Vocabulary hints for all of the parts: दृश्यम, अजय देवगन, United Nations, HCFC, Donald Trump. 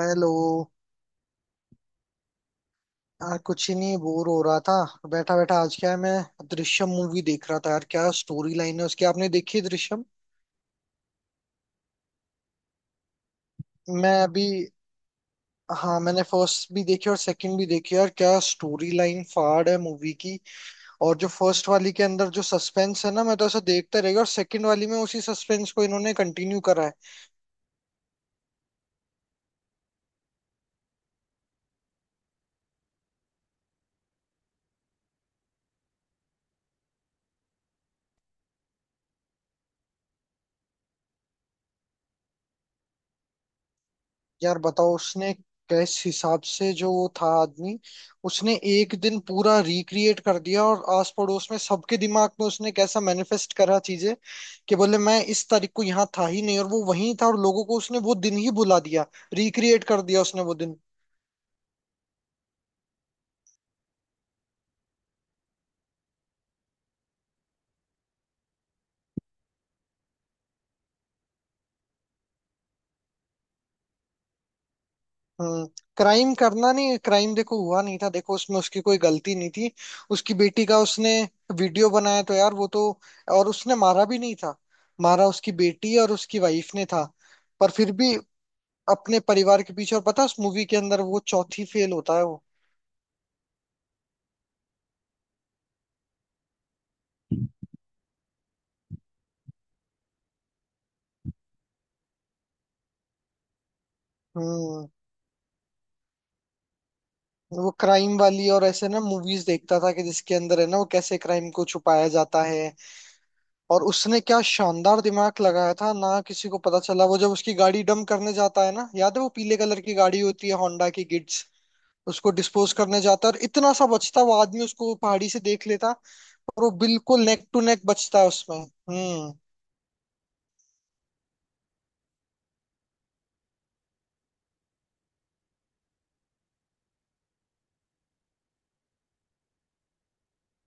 Hello. यार कुछ ही नहीं, बोर हो रहा था बैठा बैठा। आज क्या है, मैं दृश्यम मूवी देख रहा था। यार क्या स्टोरी लाइन है उसकी, आपने देखी है दृश्यम? मैं अभी हाँ, मैंने फर्स्ट भी देखी और सेकंड भी देखी। यार क्या स्टोरी लाइन फाड़ है मूवी की। और जो फर्स्ट वाली के अंदर जो सस्पेंस है ना, मैं तो ऐसा देखता रहेगा। और सेकंड वाली में उसी सस्पेंस को इन्होंने कंटिन्यू करा है। यार बताओ, उसने किस हिसाब से जो वो था आदमी, उसने एक दिन पूरा रिक्रिएट कर दिया। और आस पड़ोस में सबके दिमाग में उसने कैसा मैनिफेस्ट करा चीजें, कि बोले मैं इस तारीख को यहाँ था ही नहीं, और वो वहीं था। और लोगों को उसने वो दिन ही बुला दिया, रिक्रिएट कर दिया उसने वो दिन। हम्म। क्राइम करना नहीं, क्राइम देखो हुआ नहीं था। देखो उसमें उसकी कोई गलती नहीं थी। उसकी बेटी का उसने वीडियो बनाया तो यार वो तो। और उसने मारा भी नहीं था, मारा उसकी बेटी और उसकी वाइफ ने था। पर फिर भी अपने परिवार के पीछे। और पता है उस मूवी के अंदर वो चौथी फेल होता है वो। हम्म। वो क्राइम वाली और ऐसे ना मूवीज देखता था, कि जिसके अंदर है ना वो कैसे क्राइम को छुपाया जाता है। और उसने क्या शानदार दिमाग लगाया था ना, किसी को पता चला? वो जब उसकी गाड़ी डंप करने जाता है ना, याद है, वो पीले कलर की गाड़ी होती है होंडा की गिट्स। उसको डिस्पोज करने जाता है, और इतना सा बचता वो आदमी, उसको पहाड़ी से देख लेता। और वो बिल्कुल नेक टू नेक बचता है उसमें। हम्म।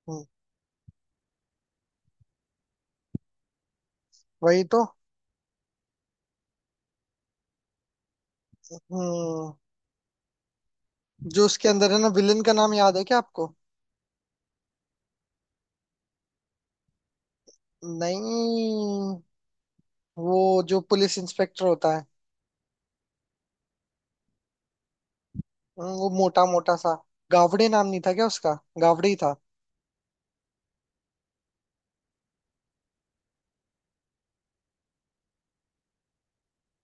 हम्म, वही तो। हम्म। जो उसके अंदर है ना, विलेन का नाम याद है क्या आपको? नहीं, वो जो पुलिस इंस्पेक्टर होता है। वो मोटा मोटा सा, गावड़े नाम नहीं था क्या उसका? गावड़े ही था।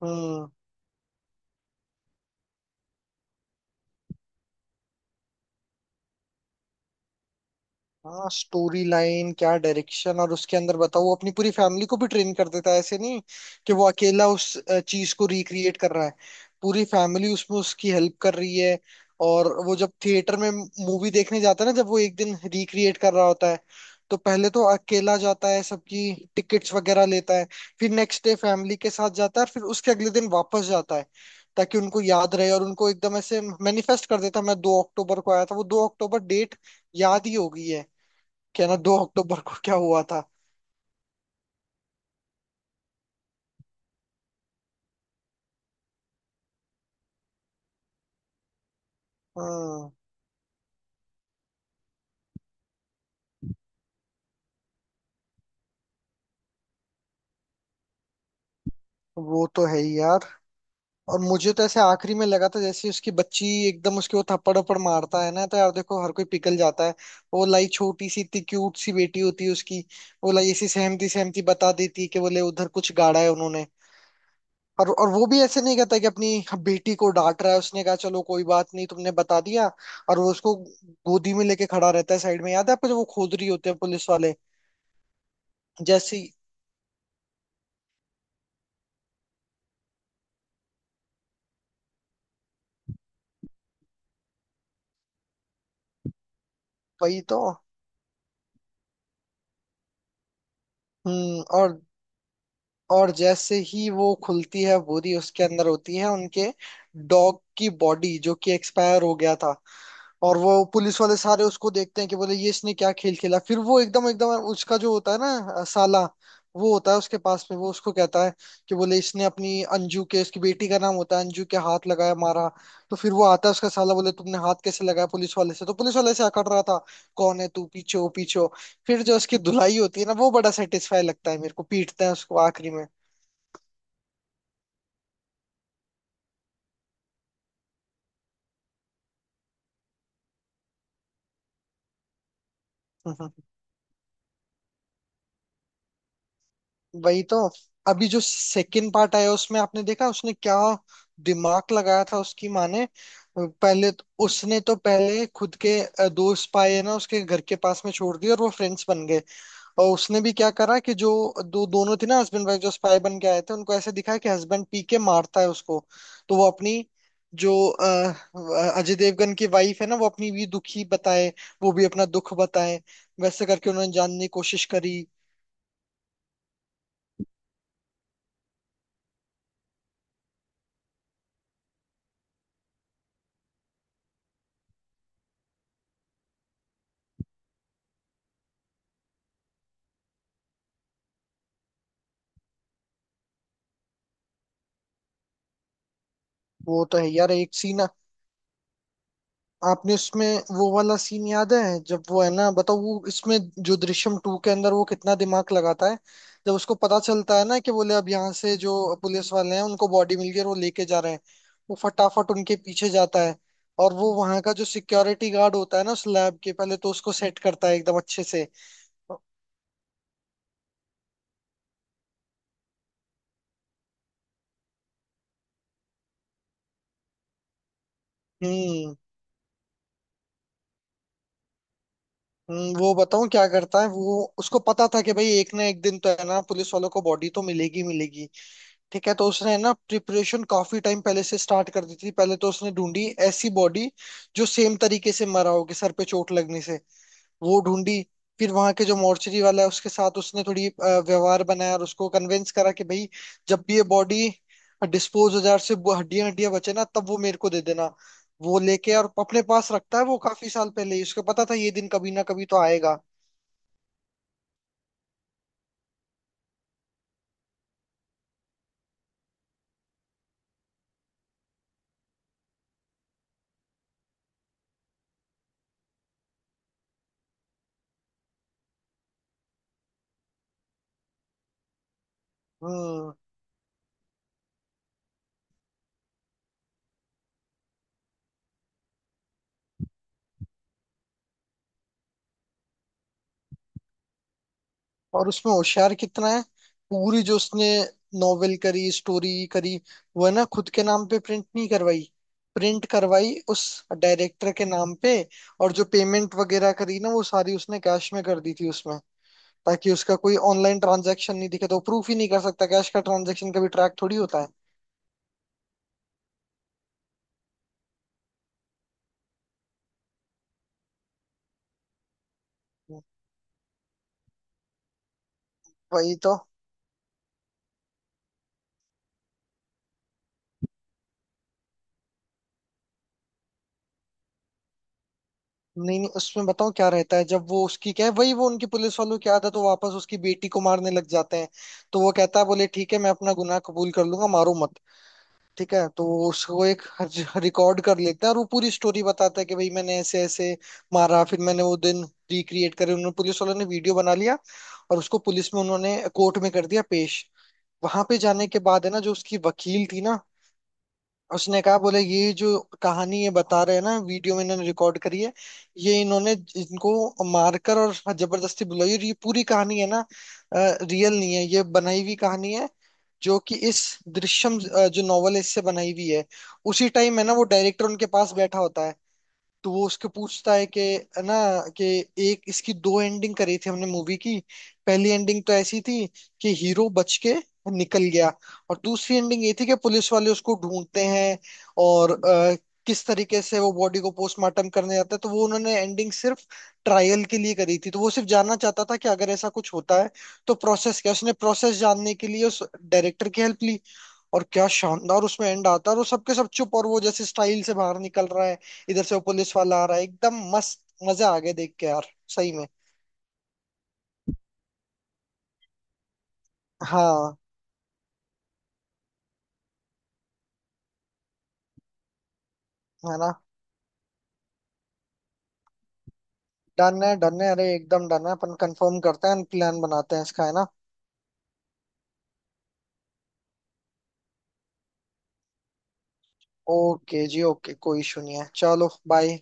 हम्म। हाँ, स्टोरी लाइन क्या, डायरेक्शन, और उसके अंदर बताओ वो अपनी पूरी फैमिली को भी ट्रेन कर देता है। ऐसे नहीं कि वो अकेला उस चीज को रिक्रिएट कर रहा है, पूरी फैमिली उसमें उसकी हेल्प कर रही है। और वो जब थिएटर में मूवी देखने जाता है ना, जब वो एक दिन रिक्रिएट कर रहा होता है, तो पहले तो अकेला जाता है, सबकी टिकट्स वगैरह लेता है। फिर नेक्स्ट डे फैमिली के साथ जाता है, और फिर उसके अगले दिन वापस जाता है, ताकि उनको याद रहे। और उनको एकदम ऐसे मैनिफेस्ट कर देता है, मैं 2 अक्टूबर को आया था, वो 2 अक्टूबर डेट याद ही हो गई है क्या, ना 2 अक्टूबर को क्या हुआ था। हाँ, वो तो है ही यार। और मुझे तो ऐसे आखिरी में लगा था, जैसे उसकी बच्ची एकदम उसके वो थप्पड़ उप्पड़ मारता है ना, तो यार देखो हर कोई पिघल जाता है। वो लाई, छोटी सी इतनी क्यूट सी बेटी होती है उसकी, वो लाई ऐसी सहमती सहमती बता देती है कि बोले उधर कुछ गाड़ा है उन्होंने। और वो भी ऐसे नहीं कहता कि अपनी बेटी को डांट रहा है, उसने कहा चलो कोई बात नहीं, तुमने बता दिया। और वो उसको गोदी में लेके खड़ा रहता है साइड में, याद है आपको, जब वो खोद रही होते हैं पुलिस वाले। जैसे ही- वही तो। हम्म। और जैसे ही वो खुलती है बोरी, उसके अंदर होती है उनके डॉग की बॉडी, जो कि एक्सपायर हो गया था। और वो पुलिस वाले सारे उसको देखते हैं कि बोले ये इसने क्या खेल खेला। फिर वो एकदम एकदम उसका जो होता है ना, साला, वो होता है उसके पास में, वो उसको कहता है कि बोले इसने अपनी अंजू के, उसकी बेटी का नाम होता है अंजू, के हाथ लगाया मारा। तो फिर वो आता है उसका साला, बोले तुमने हाथ कैसे लगाया, पुलिस वाले से तो पुलिस वाले से अकड़ रहा था, कौन है तू, पीछे हो पीछे हो। फिर जो उसकी धुलाई होती है ना, वो बड़ा सेटिस्फाई लगता है मेरे को, पीटते हैं उसको आखिरी में। हम्म, वही तो। अभी जो सेकंड पार्ट आया, उसमें आपने देखा उसने क्या दिमाग लगाया था उसकी माँ ने। उसने तो पहले खुद के दोस्त पाए हैं ना, उसके घर के पास में छोड़ दिए और वो फ्रेंड्स बन गए। और उसने भी क्या करा कि जो दो दोनों थे ना, हस्बैंड वाइफ, जो स्पाई बन के आए थे, उनको ऐसे दिखाया कि हस्बैंड पी के मारता है उसको। तो वो अपनी, जो अजय देवगन की वाइफ है ना, वो अपनी भी दुखी बताए, वो भी अपना दुख बताए, वैसे करके उन्होंने जानने की कोशिश करी। वो तो है यार। एक सीन आपने उसमें, वो वाला सीन याद है जब वो है ना, बताओ वो इसमें, जो दृश्यम टू के अंदर वो कितना दिमाग लगाता है। जब उसको पता चलता है ना कि बोले अब यहाँ से जो पुलिस वाले हैं उनको बॉडी मिल गई और वो लेके जा रहे हैं, वो फटाफट उनके पीछे जाता है। और वो वहां का जो सिक्योरिटी गार्ड होता है ना उस लैब के, पहले तो उसको सेट करता है एकदम अच्छे से। हम्म। वो बताऊं क्या करता है। वो उसको पता था कि भाई एक ना एक दिन तो है ना पुलिस वालों को बॉडी तो मिलेगी मिलेगी। ठीक है, तो उसने ना प्रिपरेशन काफी टाइम पहले से स्टार्ट कर दी थी। पहले तो उसने ढूंढी ऐसी बॉडी जो सेम तरीके से मरा हो, कि सर पे चोट लगने से, वो ढूंढी। फिर वहां के जो मॉर्चरी वाला है उसके साथ उसने थोड़ी व्यवहार बनाया, और उसको कन्विंस करा कि भाई जब भी ये बॉडी डिस्पोज हो जाए और सिर्फ हड्डियां हड्डियां बचे ना, तब वो मेरे को दे देना। वो लेके और अपने पास रखता है। वो काफी साल पहले ही उसको पता था ये दिन कभी ना कभी तो आएगा। हम्म। और उसमें होशियार कितना है, पूरी जो उसने नॉवेल करी स्टोरी करी, वो है ना खुद के नाम पे प्रिंट नहीं करवाई, प्रिंट करवाई उस डायरेक्टर के नाम पे। और जो पेमेंट वगैरह करी ना, वो सारी उसने कैश में कर दी थी उसमें, ताकि उसका कोई ऑनलाइन ट्रांजैक्शन नहीं दिखे। तो प्रूफ ही नहीं कर सकता, कैश का ट्रांजैक्शन कभी ट्रैक थोड़ी होता है। वही तो। नहीं नहीं, उसमें बताओ क्या रहता है, जब वो उसकी क्या है, वही वो उनकी पुलिस वालों की आदत, तो वापस उसकी बेटी को मारने लग जाते हैं। तो वो कहता है बोले ठीक है मैं अपना गुनाह कबूल कर लूंगा, मारो मत। ठीक है, तो उसको एक रिकॉर्ड कर लेते हैं और वो पूरी स्टोरी बताता है कि भाई मैंने ऐसे ऐसे मारा, फिर मैंने वो दिन रिक्रिएट करे, उन्होंने पुलिस वालों ने वीडियो बना लिया। और उसको पुलिस में उन्होंने कोर्ट में कर दिया पेश। वहां पे जाने के बाद है ना, जो उसकी वकील थी ना, उसने कहा बोले ये जो कहानी ये बता रहे हैं ना वीडियो में इन्होंने रिकॉर्ड करी है, ये इन्होंने इनको मारकर और जबरदस्ती बुलाई, और ये पूरी कहानी है ना, रियल नहीं है, ये बनाई हुई कहानी है, जो कि इस दृश्यम जो नॉवल इससे बनाई हुई है। उसी टाइम है ना वो डायरेक्टर उनके पास बैठा होता है, तो वो उसके पूछता है कि है ना, कि एक इसकी दो एंडिंग करी थी हमने मूवी की। पहली एंडिंग तो ऐसी थी कि हीरो बच के निकल गया, और दूसरी एंडिंग ये थी कि पुलिस वाले उसको ढूंढते हैं, और किस तरीके से वो बॉडी को पोस्टमार्टम करने जाता है। तो वो उन्होंने एंडिंग सिर्फ ट्रायल के लिए करी थी। तो वो सिर्फ जानना चाहता था कि अगर ऐसा कुछ होता है तो प्रोसेस क्या है। उसने प्रोसेस जानने के लिए उस डायरेक्टर की हेल्प ली। और क्या शानदार उसमें एंड आता है, और वो सबके सब चुप, और वो जैसे स्टाइल से बाहर निकल रहा है, इधर से वो पुलिस वाला आ रहा है एकदम मस्त। मजा आ गया देख के यार, सही में। हाँ, है ना। डन है, डन है, अरे एकदम डन है। अपन कंफर्म करते हैं, प्लान बनाते हैं इसका, है ना। ओके जी, ओके, कोई इशू नहीं है, चलो बाय।